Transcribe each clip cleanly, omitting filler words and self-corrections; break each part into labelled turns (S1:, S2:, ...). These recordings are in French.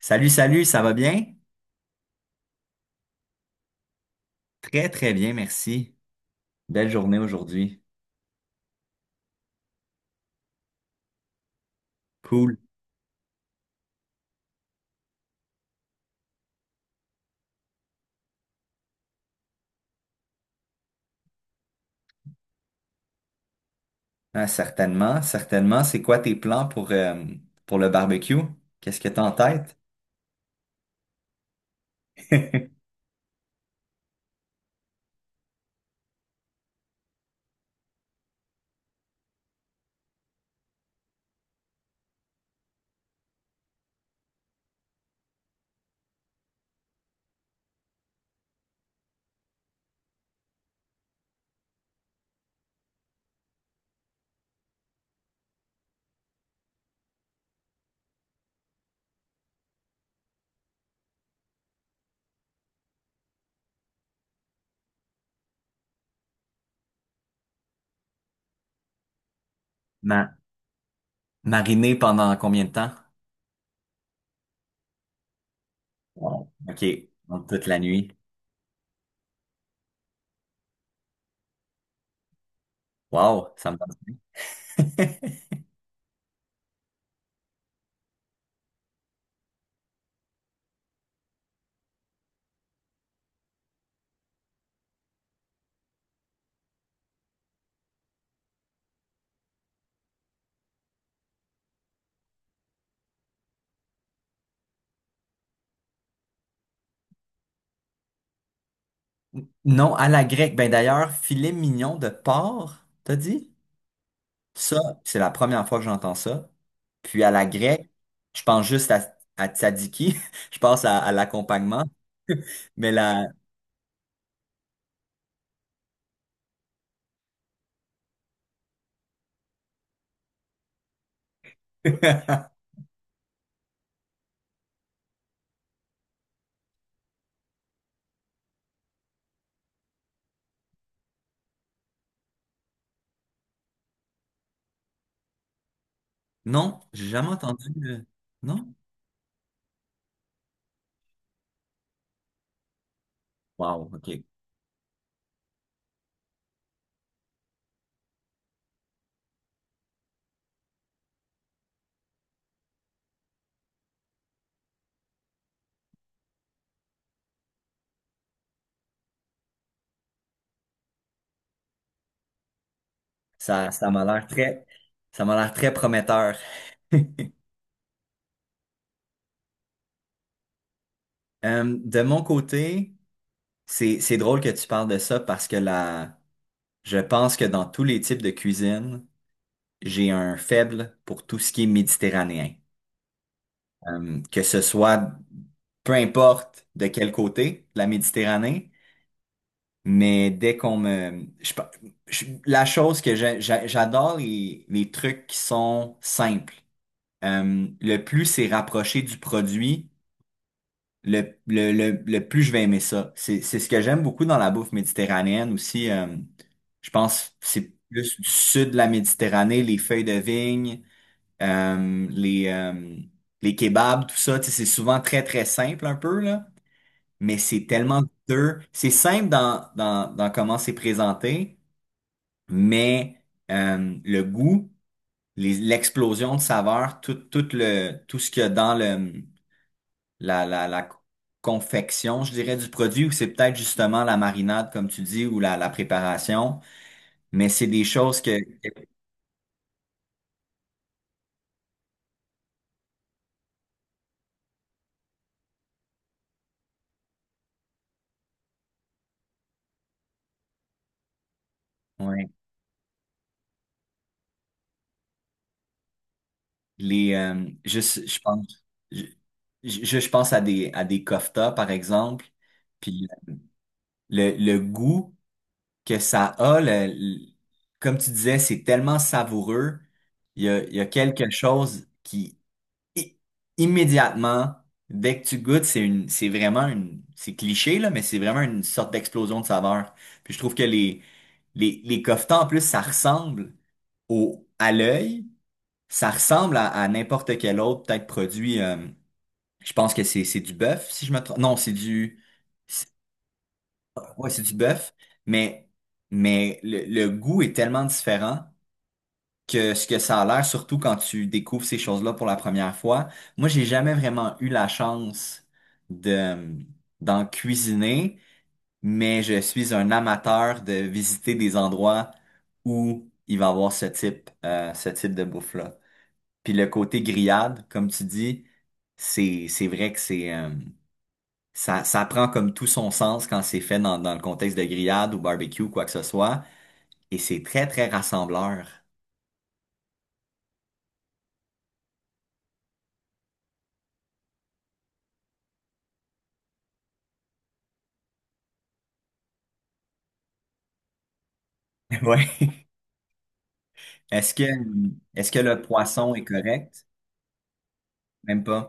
S1: Salut, salut, ça va bien? Très, très bien, merci. Belle journée aujourd'hui. Cool. Ah, certainement, certainement. C'est quoi tes plans pour le barbecue? Qu'est-ce que t'as en tête? Ma- Mariner pendant combien de temps? Wow. OK, donc toute la nuit. Wow, ça me donne faim. Non, à la grecque. Ben d'ailleurs, filet mignon de porc, t'as dit? Ça, c'est la première fois que j'entends ça. Puis à la grecque, je pense juste à tzatziki. Je pense à l'accompagnement. Mais la... Non, j'ai jamais entendu. Non? Wow, OK. Ça m'a l'air très, ça m'a l'air très prometteur. De mon côté, c'est drôle que tu parles de ça parce que la, je pense que dans tous les types de cuisine, j'ai un faible pour tout ce qui est méditerranéen. Que ce soit peu importe de quel côté de la Méditerranée, mais dès qu'on me... la chose que j'adore, les trucs qui sont simples. Le plus c'est rapproché du produit, le plus je vais aimer ça. C'est ce que j'aime beaucoup dans la bouffe méditerranéenne aussi. Je pense que c'est plus du sud de la Méditerranée, les feuilles de vigne, euh, les, euh, les kebabs, tout ça. Tu sais, c'est souvent très, très simple un peu, là, mais c'est tellement dur. C'est simple dans, dans comment c'est présenté, mais le goût, l'explosion de saveurs, tout ce qu'il y a dans le, la confection, je dirais, du produit, ou c'est peut-être justement la marinade, comme tu dis, ou la préparation, mais c'est des choses que, ouais, juste, je pense, je, je pense à des koftas, par exemple, puis le goût, que ça a, comme tu disais, c'est tellement savoureux. Il y a quelque chose qui, i- immédiatement, dès que tu goûtes, c'est vraiment une, c'est cliché, là, mais c'est vraiment une sorte d'explosion de saveur. Puis je trouve que les coffetons, en plus, ça ressemble à l'œil, ça ressemble à n'importe quel autre, peut-être produit, je pense que c'est du bœuf, si je me trompe. Non, c'est du, ouais, c'est du bœuf, mais, mais le goût est tellement différent que ce que ça a l'air, surtout quand tu découvres ces choses-là pour la première fois. Moi, j'ai jamais vraiment eu la chance de, d'en cuisiner, mais je suis un amateur de visiter des endroits où il va y avoir ce type de bouffe-là. Puis le côté grillade, comme tu dis, c'est vrai que ça, ça prend comme tout son sens quand c'est fait dans le contexte de grillade ou barbecue, quoi que ce soit. Et c'est très, très rassembleur. Ouais. Est-ce que, est-ce que le poisson est correct? Même pas.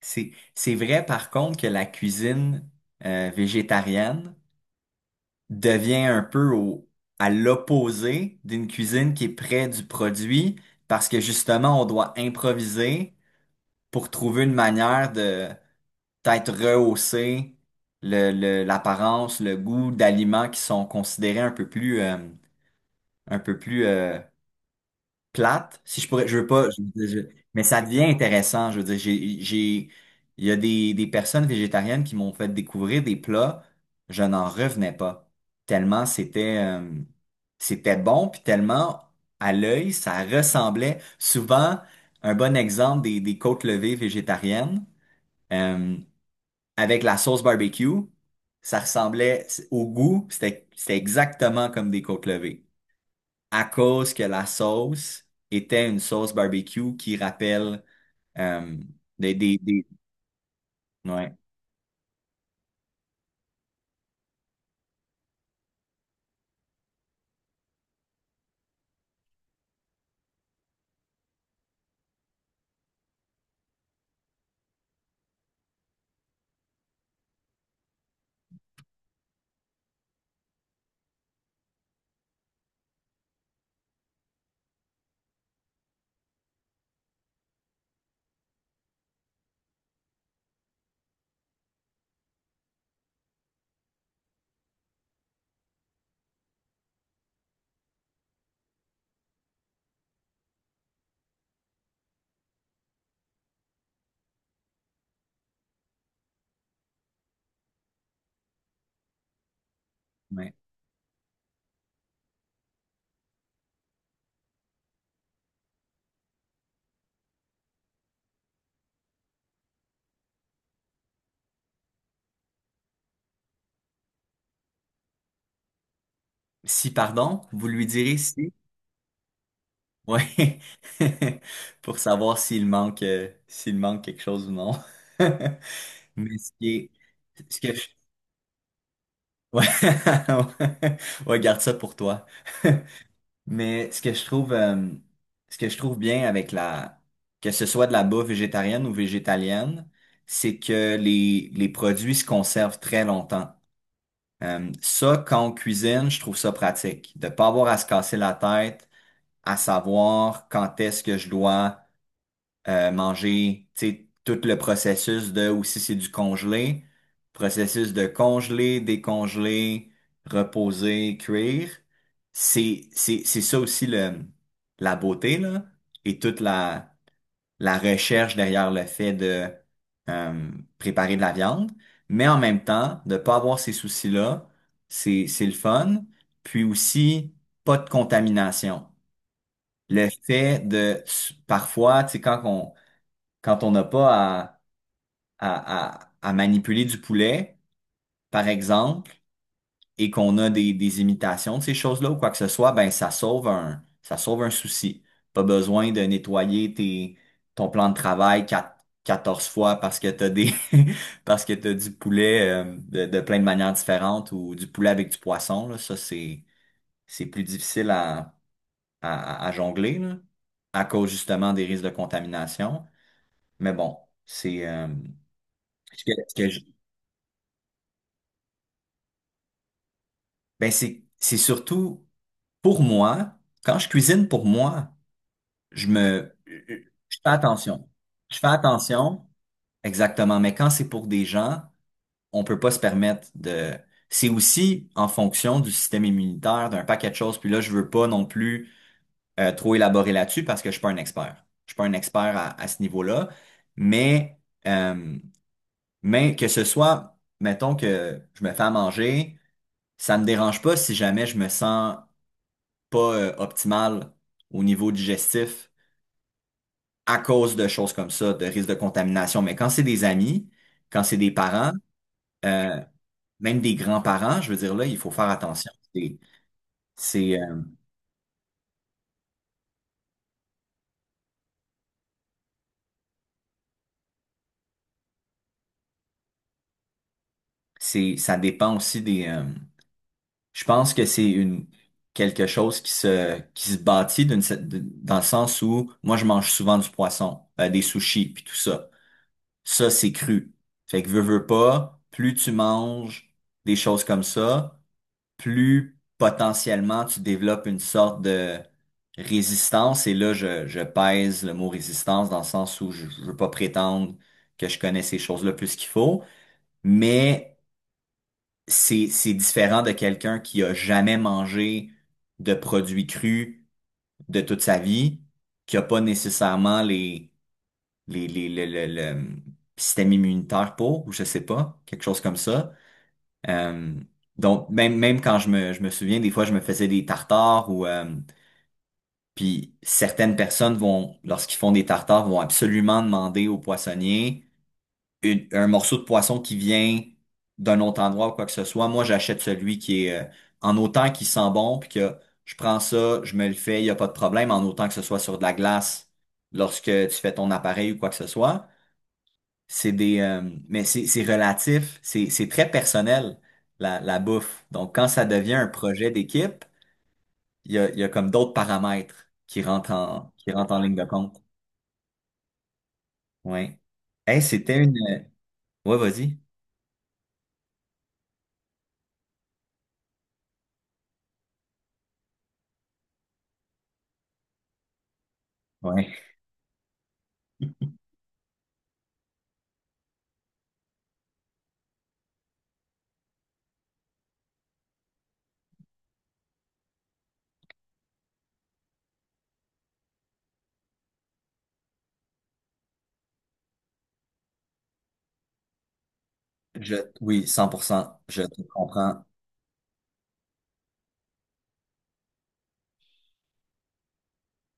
S1: C'est vrai, par contre, que la cuisine végétarienne devient un peu à l'opposé d'une cuisine qui est près du produit parce que justement, on doit improviser pour trouver une manière de peut-être rehausser le, l'apparence, le goût d'aliments qui sont considérés un peu plus plates. Si je pourrais, je veux pas, je veux dire, mais ça devient intéressant. Je veux dire, il y a des personnes végétariennes qui m'ont fait découvrir des plats, je n'en revenais pas. Tellement c'était bon, puis tellement à l'œil, ça ressemblait souvent. Un bon exemple des côtes levées végétariennes. euh, Avec la sauce barbecue. Au goût, c'était exactement comme des côtes levées. À cause que la sauce était une sauce barbecue qui rappelle euh, des- Ouais, ouais. Si, pardon, vous lui direz si. Ouais. Pour savoir s'il manque quelque chose ou non. Mais ce qui est. Ce que je... Ouais. Ouais, garde ça pour toi. Mais ce que je trouve bien avec la, que ce soit de la bouffe végétarienne ou végétalienne, c'est que les produits se conservent très longtemps. Ça, quand on cuisine, je trouve ça pratique. De pas avoir à se casser la tête, à savoir quand est-ce que je dois manger, tu sais, tout le processus de, ou si c'est du congelé, processus de congeler, décongeler, reposer, cuire. C'est ça aussi le, la beauté, là, et toute la, la recherche derrière le fait de euh, préparer de la viande. Mais en même temps, de pas avoir ces soucis-là, c'est le fun. Puis aussi, pas de contamination. Le fait de, parfois, tu sais, quand on, n'a pas à, à manipuler du poulet, par exemple, et qu'on a des imitations de ces choses-là ou quoi que ce soit, ben ça sauve un souci. Pas besoin de nettoyer tes, ton plan de travail 14 fois parce que t'as des parce que t'as du poulet de plein de manières différentes ou du poulet avec du poisson, là. Ça, c'est plus difficile à, à jongler, là, à cause justement des risques de contamination. Mais bon, c'est ce que, ben c'est surtout pour moi, quand je cuisine pour moi, je me je fais attention. Je fais attention, exactement, mais quand c'est pour des gens, on peut pas se permettre de c'est aussi en fonction du système immunitaire, d'un paquet de choses, puis là je veux pas non plus trop élaborer là-dessus parce que je suis pas un expert. Je suis pas un expert à ce niveau-là, mais euh, mais que ce soit mettons que je me fais à manger, ça me dérange pas si jamais je me sens pas optimale au niveau digestif à cause de choses comme ça, de risque de contamination. Mais quand c'est des amis, quand c'est des parents, euh, même des grands-parents, je veux dire là, il faut faire attention. C'est, euh, Ça dépend aussi des. Je pense que c'est une quelque chose qui se bâtit d'une dans le sens où moi je mange souvent du poisson, des sushis puis tout ça. Ça c'est cru. Fait que veux veux pas, plus tu manges des choses comme ça, plus potentiellement tu développes une sorte de résistance. Et là, je pèse le mot résistance dans le sens où je veux pas prétendre que je connais ces choses-là plus qu'il faut, mais c'est différent de quelqu'un qui a jamais mangé de produits crus de toute sa vie, qui a pas nécessairement les, le système immunitaire pour, ou je sais pas, quelque chose comme ça. Euh, donc, même quand je me souviens, des fois, je me faisais des tartares puis certaines personnes vont, lorsqu'ils font des tartares, vont absolument demander au poissonnier un morceau de poisson qui vient d'un autre endroit ou quoi que ce soit. Moi, j'achète celui qui est, en autant qu'il sent bon, puis que je prends ça, je me le fais, il n'y a pas de problème, en autant que ce soit sur de la glace lorsque tu fais ton appareil ou quoi que ce soit. C'est des, mais c'est relatif, c'est très personnel, la bouffe. Donc, quand ça devient un projet d'équipe, il y a comme d'autres paramètres qui qui rentrent en ligne de compte. Ouais. Hey, c'était une... Ouais, vas-y. Ouais. Je, oui, 100% je te comprends.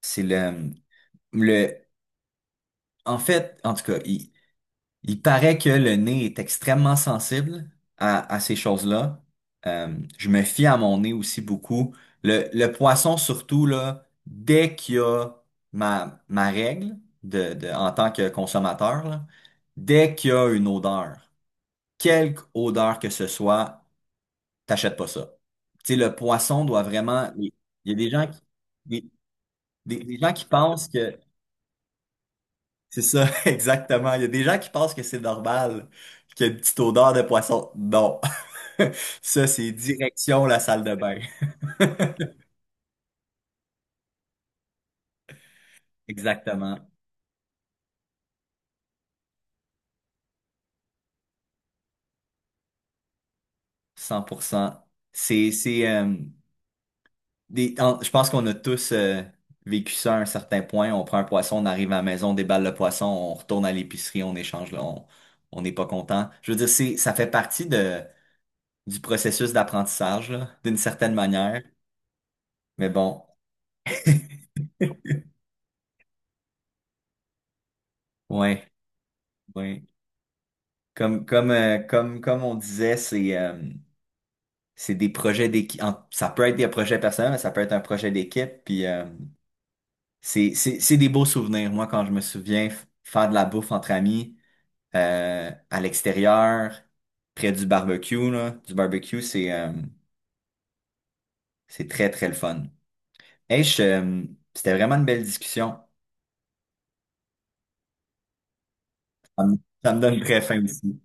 S1: C'est le, le, En fait, en tout cas, il paraît que le nez est extrêmement sensible à ces choses-là. Euh, je me fie à mon nez aussi beaucoup. Le poisson, surtout, là, dès qu'il y a ma règle de, en tant que consommateur, là, dès qu'il y a une odeur, quelque odeur que ce soit, t'achètes pas ça. Tu sais, le poisson doit vraiment. Il y a des gens des, des gens qui pensent que. C'est ça, exactement. Il y a des gens qui pensent que c'est normal, qu'il y a une petite odeur de poisson. Non. Ça, c'est direction la salle de bain. Exactement. 100%. C'est, c'est, euh, je pense qu'on a tous vécu ça à un certain point. On prend un poisson, on arrive à la maison, on déballe le poisson, on retourne à l'épicerie, on échange, là, on n'est pas content. Je veux dire, ça fait partie de, du processus d'apprentissage, là, d'une certaine manière. Mais bon, ouais, ouais. Comme on disait, c'est des projets d'équipe. Ça peut être des projets personnels, mais ça peut être un projet d'équipe. Puis c'est c'est des beaux souvenirs. Moi, quand je me souviens faire de la bouffe entre amis à l'extérieur, près du barbecue, là, du barbecue, c'est très, très le fun. Hey, c'était vraiment une belle discussion. Ça me, ça me donne très faim aussi.